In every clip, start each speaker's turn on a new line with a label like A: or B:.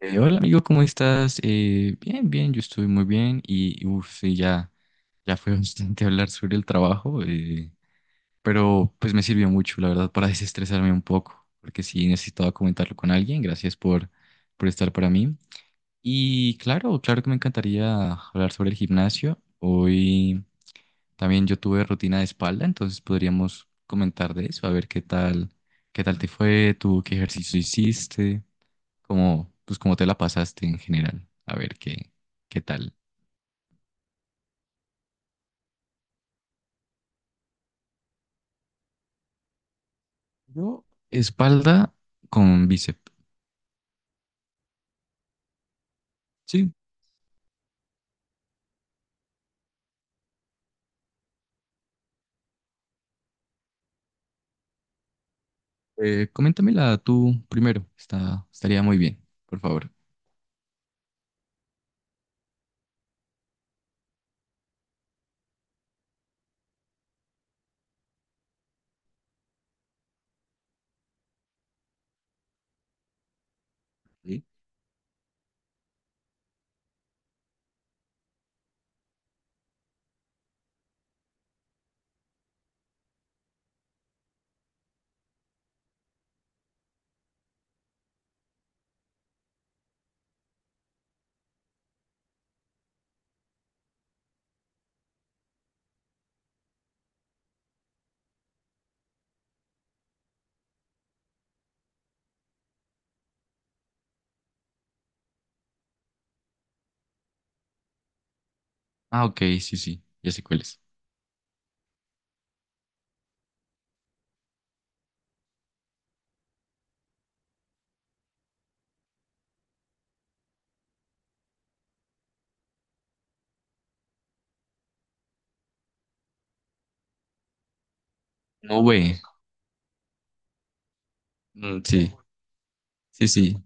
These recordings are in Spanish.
A: Hola amigo, ¿cómo estás? Bien, bien, yo estoy muy bien y uff, sí, ya, ya fue bastante hablar sobre el trabajo, pero pues me sirvió mucho, la verdad, para desestresarme un poco, porque sí necesitaba comentarlo con alguien, gracias por estar para mí. Y claro, claro que me encantaría hablar sobre el gimnasio. Hoy también yo tuve rutina de espalda, entonces podríamos comentar de eso, a ver qué tal te fue, tú, qué ejercicio hiciste como, pues cómo te la pasaste en general. A ver qué tal. Yo, espalda con bíceps. Sí, coméntamela tú primero. Estaría muy bien, por favor. Sí. Ah, ok, sí, sí, ya sé cuál es. No, güey. Mm, sí, sí, sí.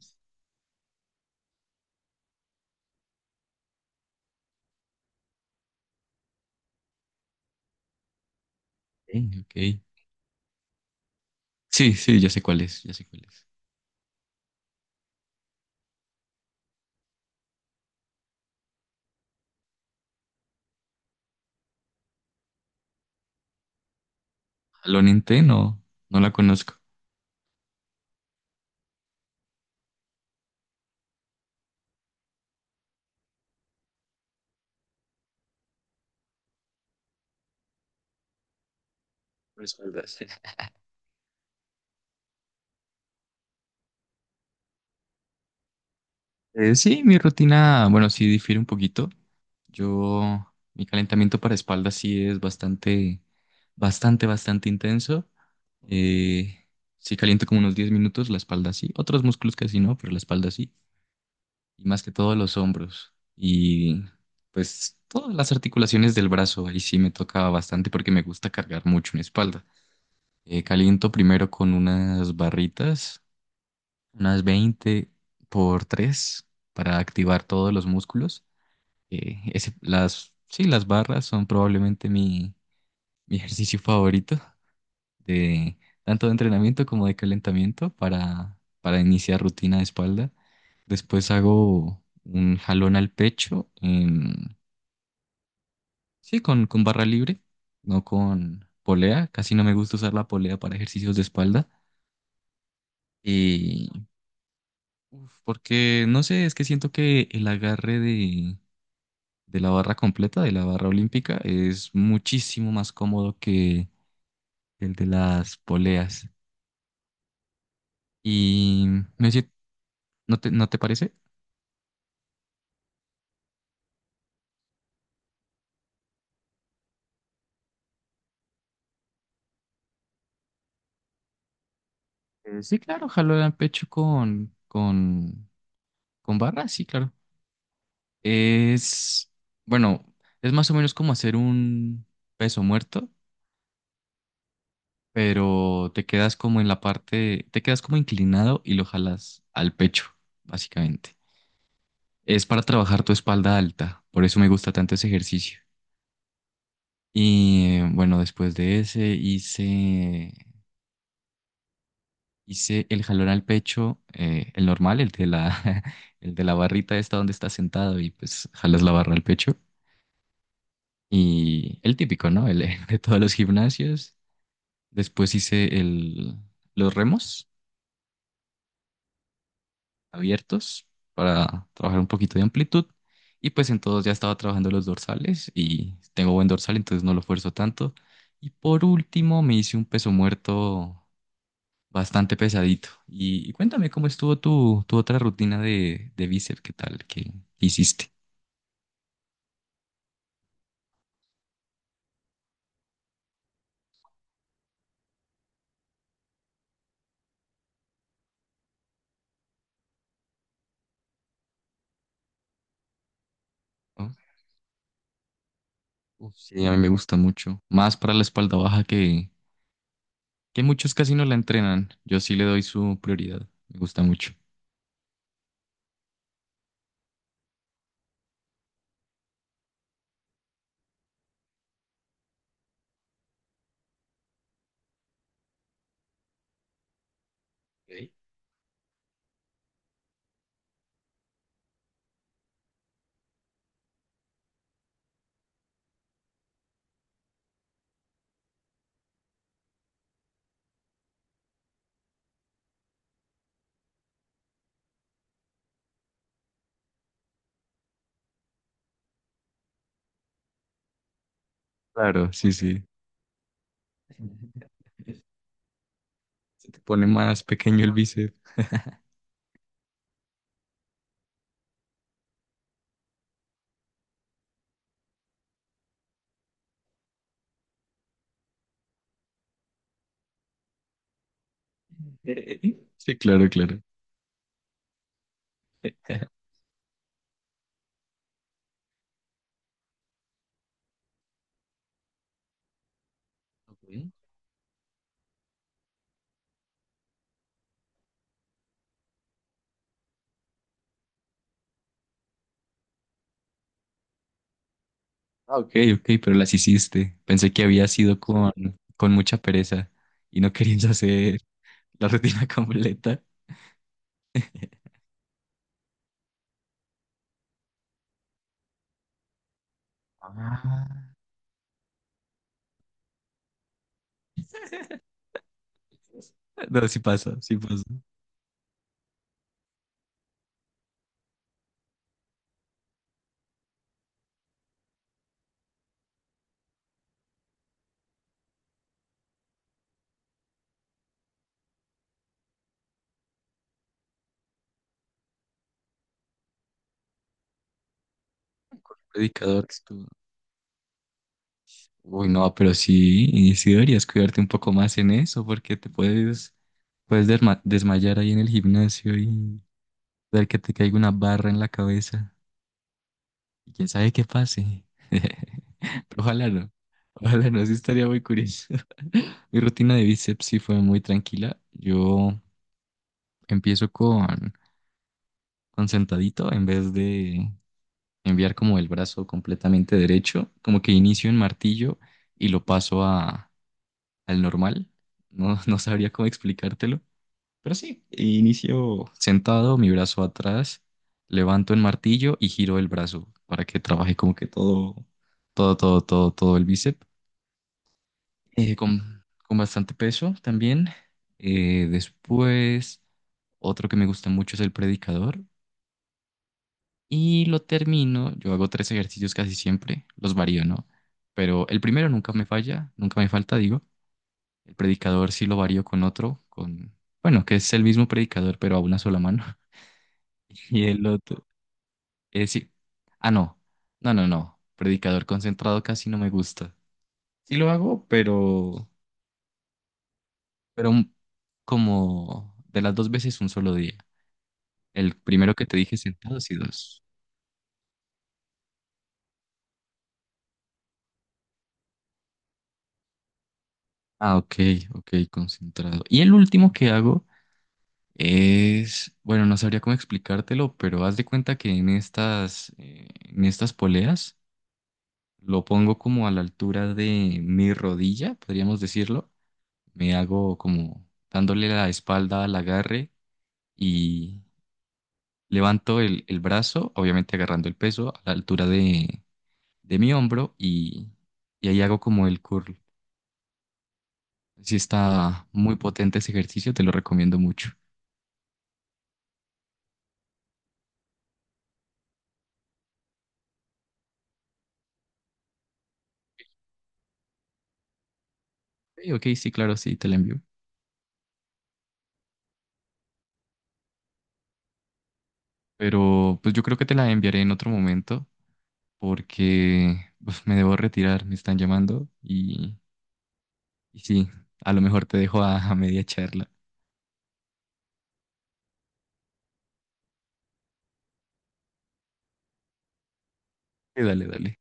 A: Sí, ok. Sí, sí, ya sé cuál es, ya sé cuál es. Jalón en T, no, no la conozco. Por espaldas. Sí, mi rutina, bueno, sí difiere un poquito. Yo, mi calentamiento para espalda sí es bastante, bastante, bastante intenso. Eh, sí caliento como unos 10 minutos la espalda sí. Otros músculos casi no, pero la espalda sí. Y más que todo los hombros. Y pues todas las articulaciones del brazo. Ahí sí me toca bastante porque me gusta cargar mucho mi espalda. Caliento primero con unas barritas, unas 20 por 3 para activar todos los músculos. Las, sí, las barras son probablemente mi, ejercicio favorito de tanto de entrenamiento como de calentamiento para iniciar rutina de espalda. Después hago un jalón al pecho sí, con barra libre, no con polea. Casi no me gusta usar la polea para ejercicios de espalda. Y uf, porque no sé, es que siento que el agarre de la barra completa, de la barra olímpica, es muchísimo más cómodo el de las poleas. Y me decía, ¿no te parece? Sí, claro, jalo el pecho con barra, sí, claro. Es, bueno, es más o menos como hacer un peso muerto, pero te quedas como en la parte, te quedas como inclinado y lo jalas al pecho, básicamente. Es para trabajar tu espalda alta, por eso me gusta tanto ese ejercicio. Y bueno, después de ese hice el jalón al pecho, el normal, el de la barrita esta donde estás sentado y pues jalas la barra al pecho. Y el típico, ¿no? El de todos los gimnasios. Después hice los remos abiertos para trabajar un poquito de amplitud. Y pues en todos ya estaba trabajando los dorsales y tengo buen dorsal, entonces no lo esfuerzo tanto. Y por último me hice un peso muerto bastante pesadito. Y cuéntame cómo estuvo tu, otra rutina de bíceps, ¿qué tal? ¿Qué hiciste? ¿No? Uf, sí, a mí me gusta mucho. Más para la espalda baja que muchos casi no la entrenan. Yo sí le doy su prioridad. Me gusta mucho. Ok. Claro, sí, sí. Se te pone más pequeño el bíceps. Sí, claro, claro. Ok. Ah, ok, ok, pero las hiciste. Pensé que había sido con mucha pereza y no querías hacer la rutina completa. Ah. No, sí pasa, sí pasa. Predicador, que tú- Uy, no, pero sí, y sí deberías cuidarte un poco más en eso, porque te puedes desmayar ahí en el gimnasio y ver que te caiga una barra en la cabeza. Y quién sabe qué pase. Pero ojalá no. Ojalá no, sí estaría muy curioso. Mi rutina de bíceps sí fue muy tranquila. Yo empiezo con sentadito en vez de, enviar como el brazo completamente derecho, como que inicio en martillo y lo paso al normal. No, no sabría cómo explicártelo, pero sí, inicio sentado, mi brazo atrás, levanto en martillo y giro el brazo para que trabaje como que todo, todo, todo, todo, todo el bíceps, con bastante peso también. Después, otro que me gusta mucho es el predicador. Y lo termino, yo hago tres ejercicios casi siempre, los varío, ¿no? Pero el primero nunca me falla, nunca me falta, digo. El predicador sí lo varío con otro, bueno, que es el mismo predicador, pero a una sola mano. Y el otro, es sí. Ah, no, no, no, no. Predicador concentrado casi no me gusta. Sí lo hago, pero como de las dos veces un solo día. El primero que te dije sentados y dos. Ah, ok, ok, concentrado. Y el último que hago. Bueno, no sabría cómo explicártelo, pero haz de cuenta que en estas poleas lo pongo como a la altura de mi rodilla, podríamos decirlo. Me hago como dándole la espalda al agarre y levanto el brazo, obviamente agarrando el peso a la altura de mi hombro y ahí hago como el curl. Sí está muy potente ese ejercicio, te lo recomiendo mucho. Ok, ok, sí, claro, sí, te lo envío. Pero pues yo creo que te la enviaré en otro momento porque pues, me debo retirar, me están llamando y sí, a lo mejor te dejo a media charla. Dale, dale.